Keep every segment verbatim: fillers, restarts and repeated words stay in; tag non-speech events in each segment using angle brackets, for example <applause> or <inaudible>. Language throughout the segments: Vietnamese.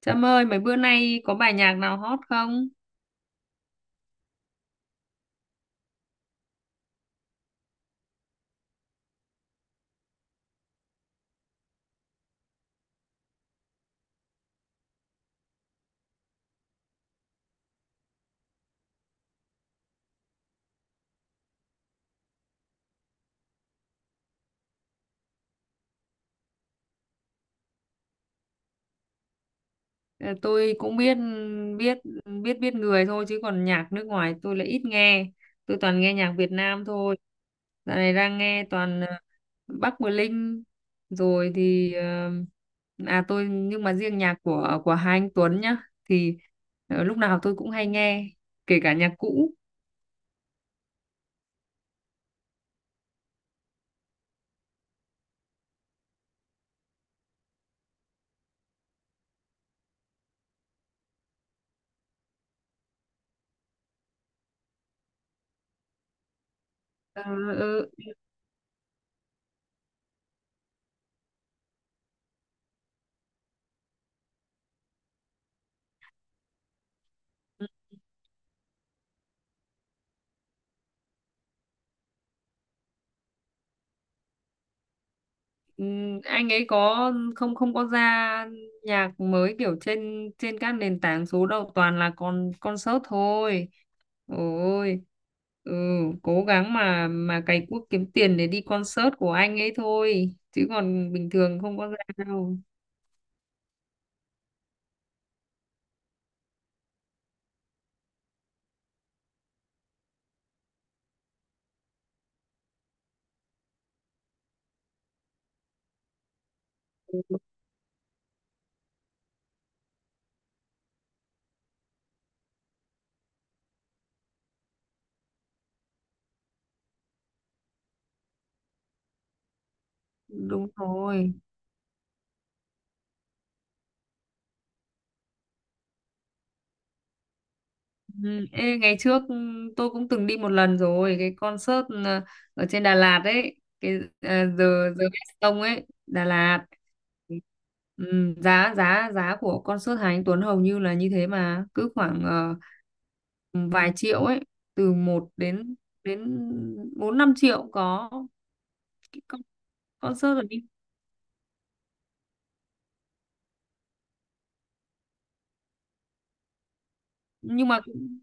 Trâm ơi, mấy bữa nay có bài nhạc nào hot không? Ờ, Tôi cũng biết biết biết biết người thôi, chứ còn nhạc nước ngoài tôi lại ít nghe. Tôi toàn nghe nhạc Việt Nam thôi. Dạo này đang nghe toàn ờ, Bắc Bờ Linh, rồi thì ờ, à tôi nhưng mà riêng nhạc của của hai anh Tuấn nhá, thì ờ, lúc nào tôi cũng hay nghe, kể cả nhạc cũ. Ờ. Ừ. Ừ, anh ấy có không không có ra nhạc mới kiểu trên trên các nền tảng số đâu, toàn là con concert thôi. Ôi. Ừ, cố gắng mà mà cày cuốc kiếm tiền để đi concert của anh ấy thôi, chứ còn bình thường không có ra đâu. Đúng rồi. Ừ. Ê, ngày trước ừ, tôi cũng từng đi một lần rồi, cái concert ờ, ở trên Đà Lạt ấy, cái ờ, giờ giờ Best ấy, Đà Lạt. Ừ, giá giá giá của concert Hà Anh Tuấn hầu như là như thế, mà cứ khoảng ờ, vài triệu ấy, từ một đến đến bốn năm triệu có. Cái con- concert rồi đi, nhưng mà cũng-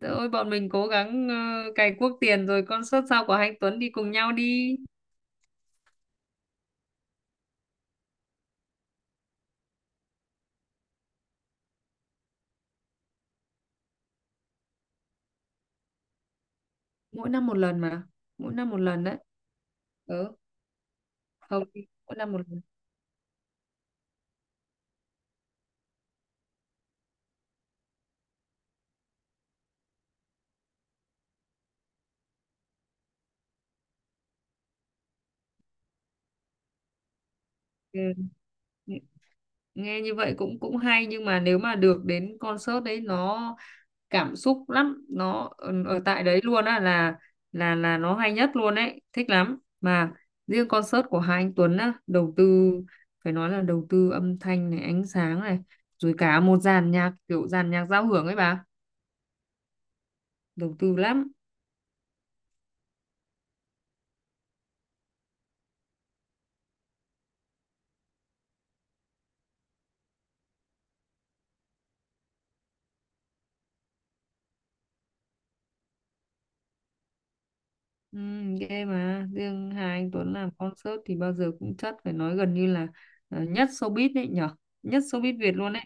Trời ơi, bọn mình cố gắng ờ, cày cuốc tiền rồi concert sau của Hà Anh Tuấn đi cùng nhau đi. Mỗi năm một lần mà. Mỗi năm một lần đấy. Ừ, hầu như mỗi năm một lần. Ừ. nghe nghe như vậy cũng cũng hay, nhưng mà nếu mà được đến concert đấy nó cảm xúc lắm, nó ở ở tại đấy luôn á, là là là nó hay nhất luôn đấy, thích lắm mà. Riêng concert của hai anh Tuấn á đầu tư, phải nói là đầu tư âm thanh này, ánh sáng này, rồi cả một dàn nhạc kiểu dàn nhạc giao hưởng ấy bà, đầu tư lắm. Ừ, ghê. Mà riêng Hà Anh Tuấn làm concert thì bao giờ cũng chất, phải nói gần như là ờ, nhất showbiz đấy nhở, nhất showbiz Việt luôn đấy.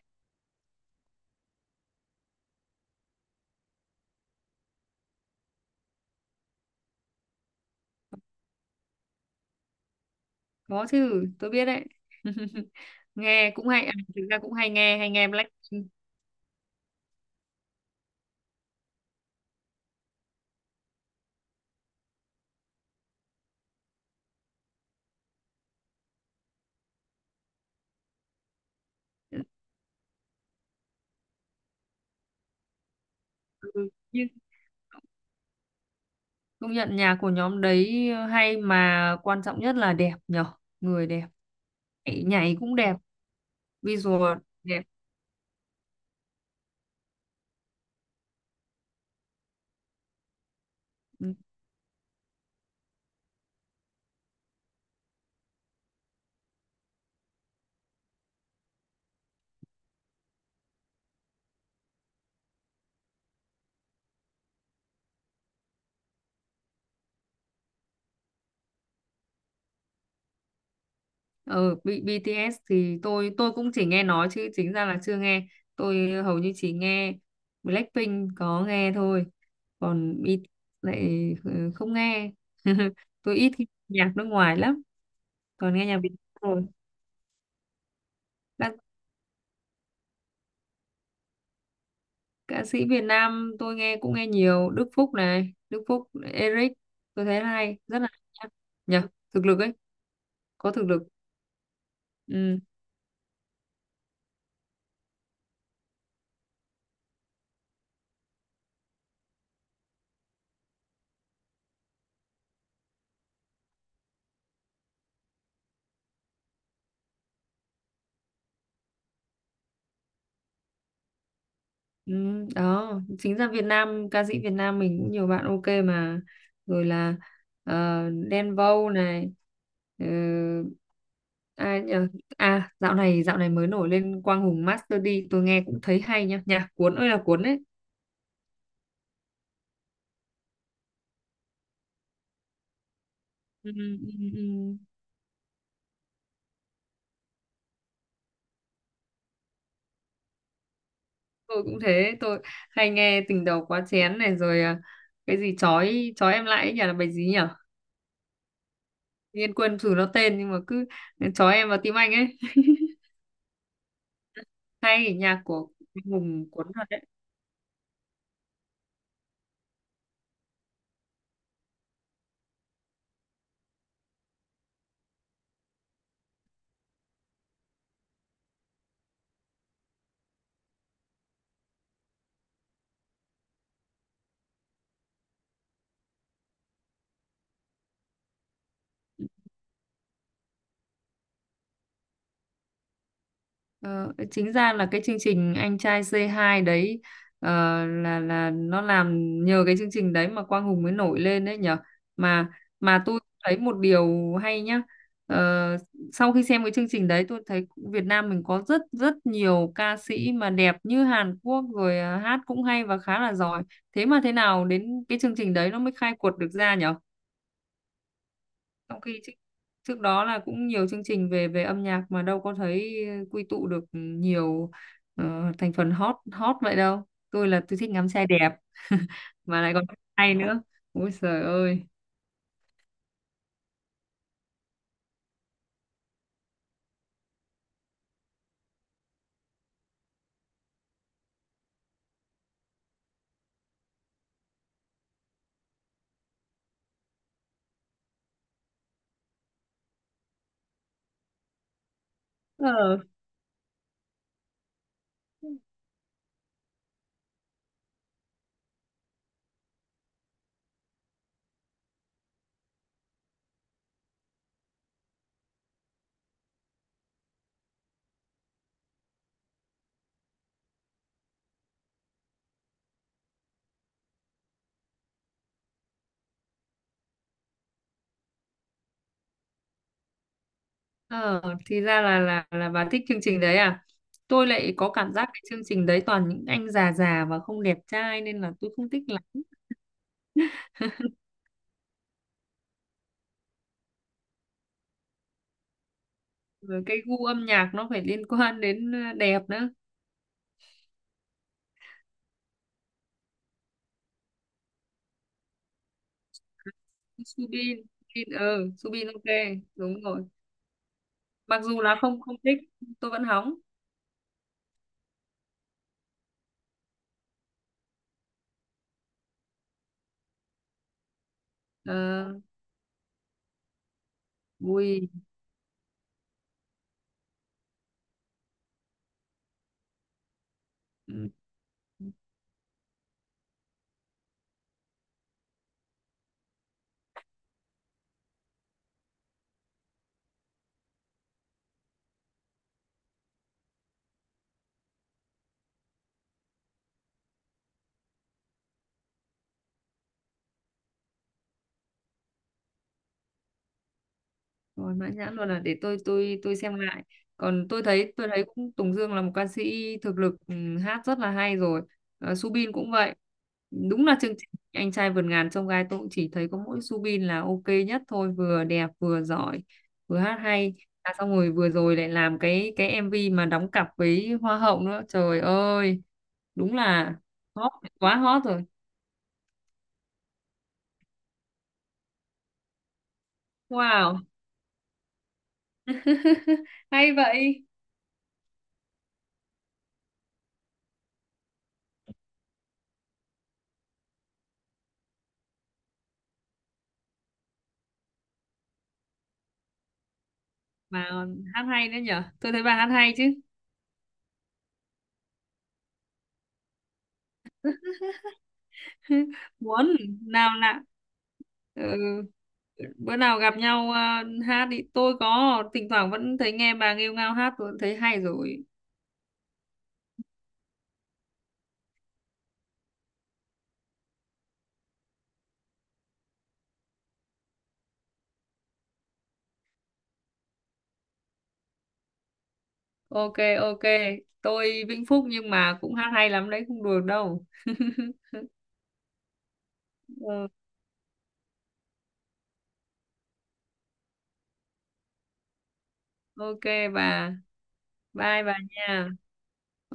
Có chứ, tôi biết đấy. <laughs> Nghe cũng hay à, thực ra cũng hay nghe hay nghe Blackpink. Ừ, nhưng công nhận nhạc của nhóm đấy ờ, hay, mà quan trọng nhất là đẹp nhở. Người đẹp. Nhảy, nhảy cũng đẹp. Visual đẹp. Ừ. Ừ. B- bê tê ét thì tôi tôi cũng chỉ nghe nói chứ chính ra là chưa nghe. Tôi hầu như chỉ nghe Blackpink, có nghe thôi. Còn B lại, ừ, không nghe. <laughs> Tôi ít khi nghe nhạc nước ngoài lắm, còn nghe nhạc Việt Nam rồi. Các ca sĩ Việt Nam tôi nghe cũng nghe nhiều, Đức Phúc này, Đức Phúc, Eric, tôi thấy hay, rất là hay nhá. Nhờ, thực lực ấy, có thực lực. Ừ. Ừ, đó. Chính ra Việt Nam, ca sĩ Việt Nam mình cũng nhiều bạn ok mà, rồi là ờ, Đen Vâu này, ờ, ai nhờ. À, dạo này dạo này mới nổi lên Quang Hùng Master D, tôi nghe cũng thấy hay nhá, nhạc cuốn ơi là cuốn đấy. Ừ, ừ, ừ. Tôi cũng thế, tôi hay nghe tình đầu quá chén này, rồi à, cái gì chói chói em lại ấy nhỉ, là bài gì nhỉ? Nhiên quên thử nó tên, nhưng mà cứ chói em vào tim anh ấy. <laughs> Hay nhạc của Quang Hùng cuốn thật. Ờ, Chính ra là cái chương trình Anh trai xê hai đấy, ờ, là là nó làm, nhờ cái chương trình đấy mà Quang Hùng mới nổi lên đấy nhở. mà mà tôi thấy một điều hay nhá. Ờ, Sau khi xem cái chương trình đấy tôi thấy Việt Nam mình có rất rất nhiều ca sĩ mà đẹp như Hàn Quốc, rồi à, hát cũng hay và khá là giỏi, thế mà thế nào đến cái chương trình đấy nó mới khai quật được ra nhở. Trong khi trước, trước đó là cũng nhiều chương trình về về âm nhạc, mà đâu có thấy quy tụ được nhiều ờ, thành phần hot hot vậy đâu. Tôi là tôi thích ngắm trai đẹp. <laughs> Mà lại còn hay nữa, ôi trời ơi. ờ ờ thì ra là là là bà thích chương trình đấy à. Tôi lại có cảm giác cái chương trình đấy toàn những anh già già và không đẹp trai, nên là tôi không thích lắm. Rồi cái gu âm nhạc nó phải liên quan đến ờ, đẹp nữa. Subin. Subin, ừ Subin ok. Đúng rồi. Mặc dù là không không thích, tôi vẫn hóng. Ờ, vui. Ừ, rồi mãn nhãn luôn, là để tôi tôi tôi xem lại. Còn tôi thấy tôi thấy cũng Tùng Dương là một ca sĩ thực lực, ừ, hát rất là hay rồi. Ờ, Subin cũng vậy. Đúng là chương trình anh trai vượt ngàn chông gai tôi cũng chỉ thấy có mỗi Subin là ok nhất thôi, vừa đẹp vừa giỏi, vừa hát hay. À, xong rồi vừa rồi lại làm cái cái em vi mà đóng cặp với Hoa hậu nữa, trời ơi, đúng là hot, quá hot rồi. Wow. <laughs> Hay vậy. Mà còn hát hay nữa nhở, tôi thấy bà hát hay chứ. <laughs> Muốn. Nào lạ. Ừ. Bữa nào gặp nhau à, hát đi, tôi có thỉnh thoảng vẫn thấy nghe bà nghêu ngao hát tôi thấy hay rồi. Ok. Ok. Tôi Vĩnh Phúc nhưng mà cũng hát hay lắm đấy, không đùa đâu. <laughs> Ừ. Ok bà. Bye bà nha. Ok.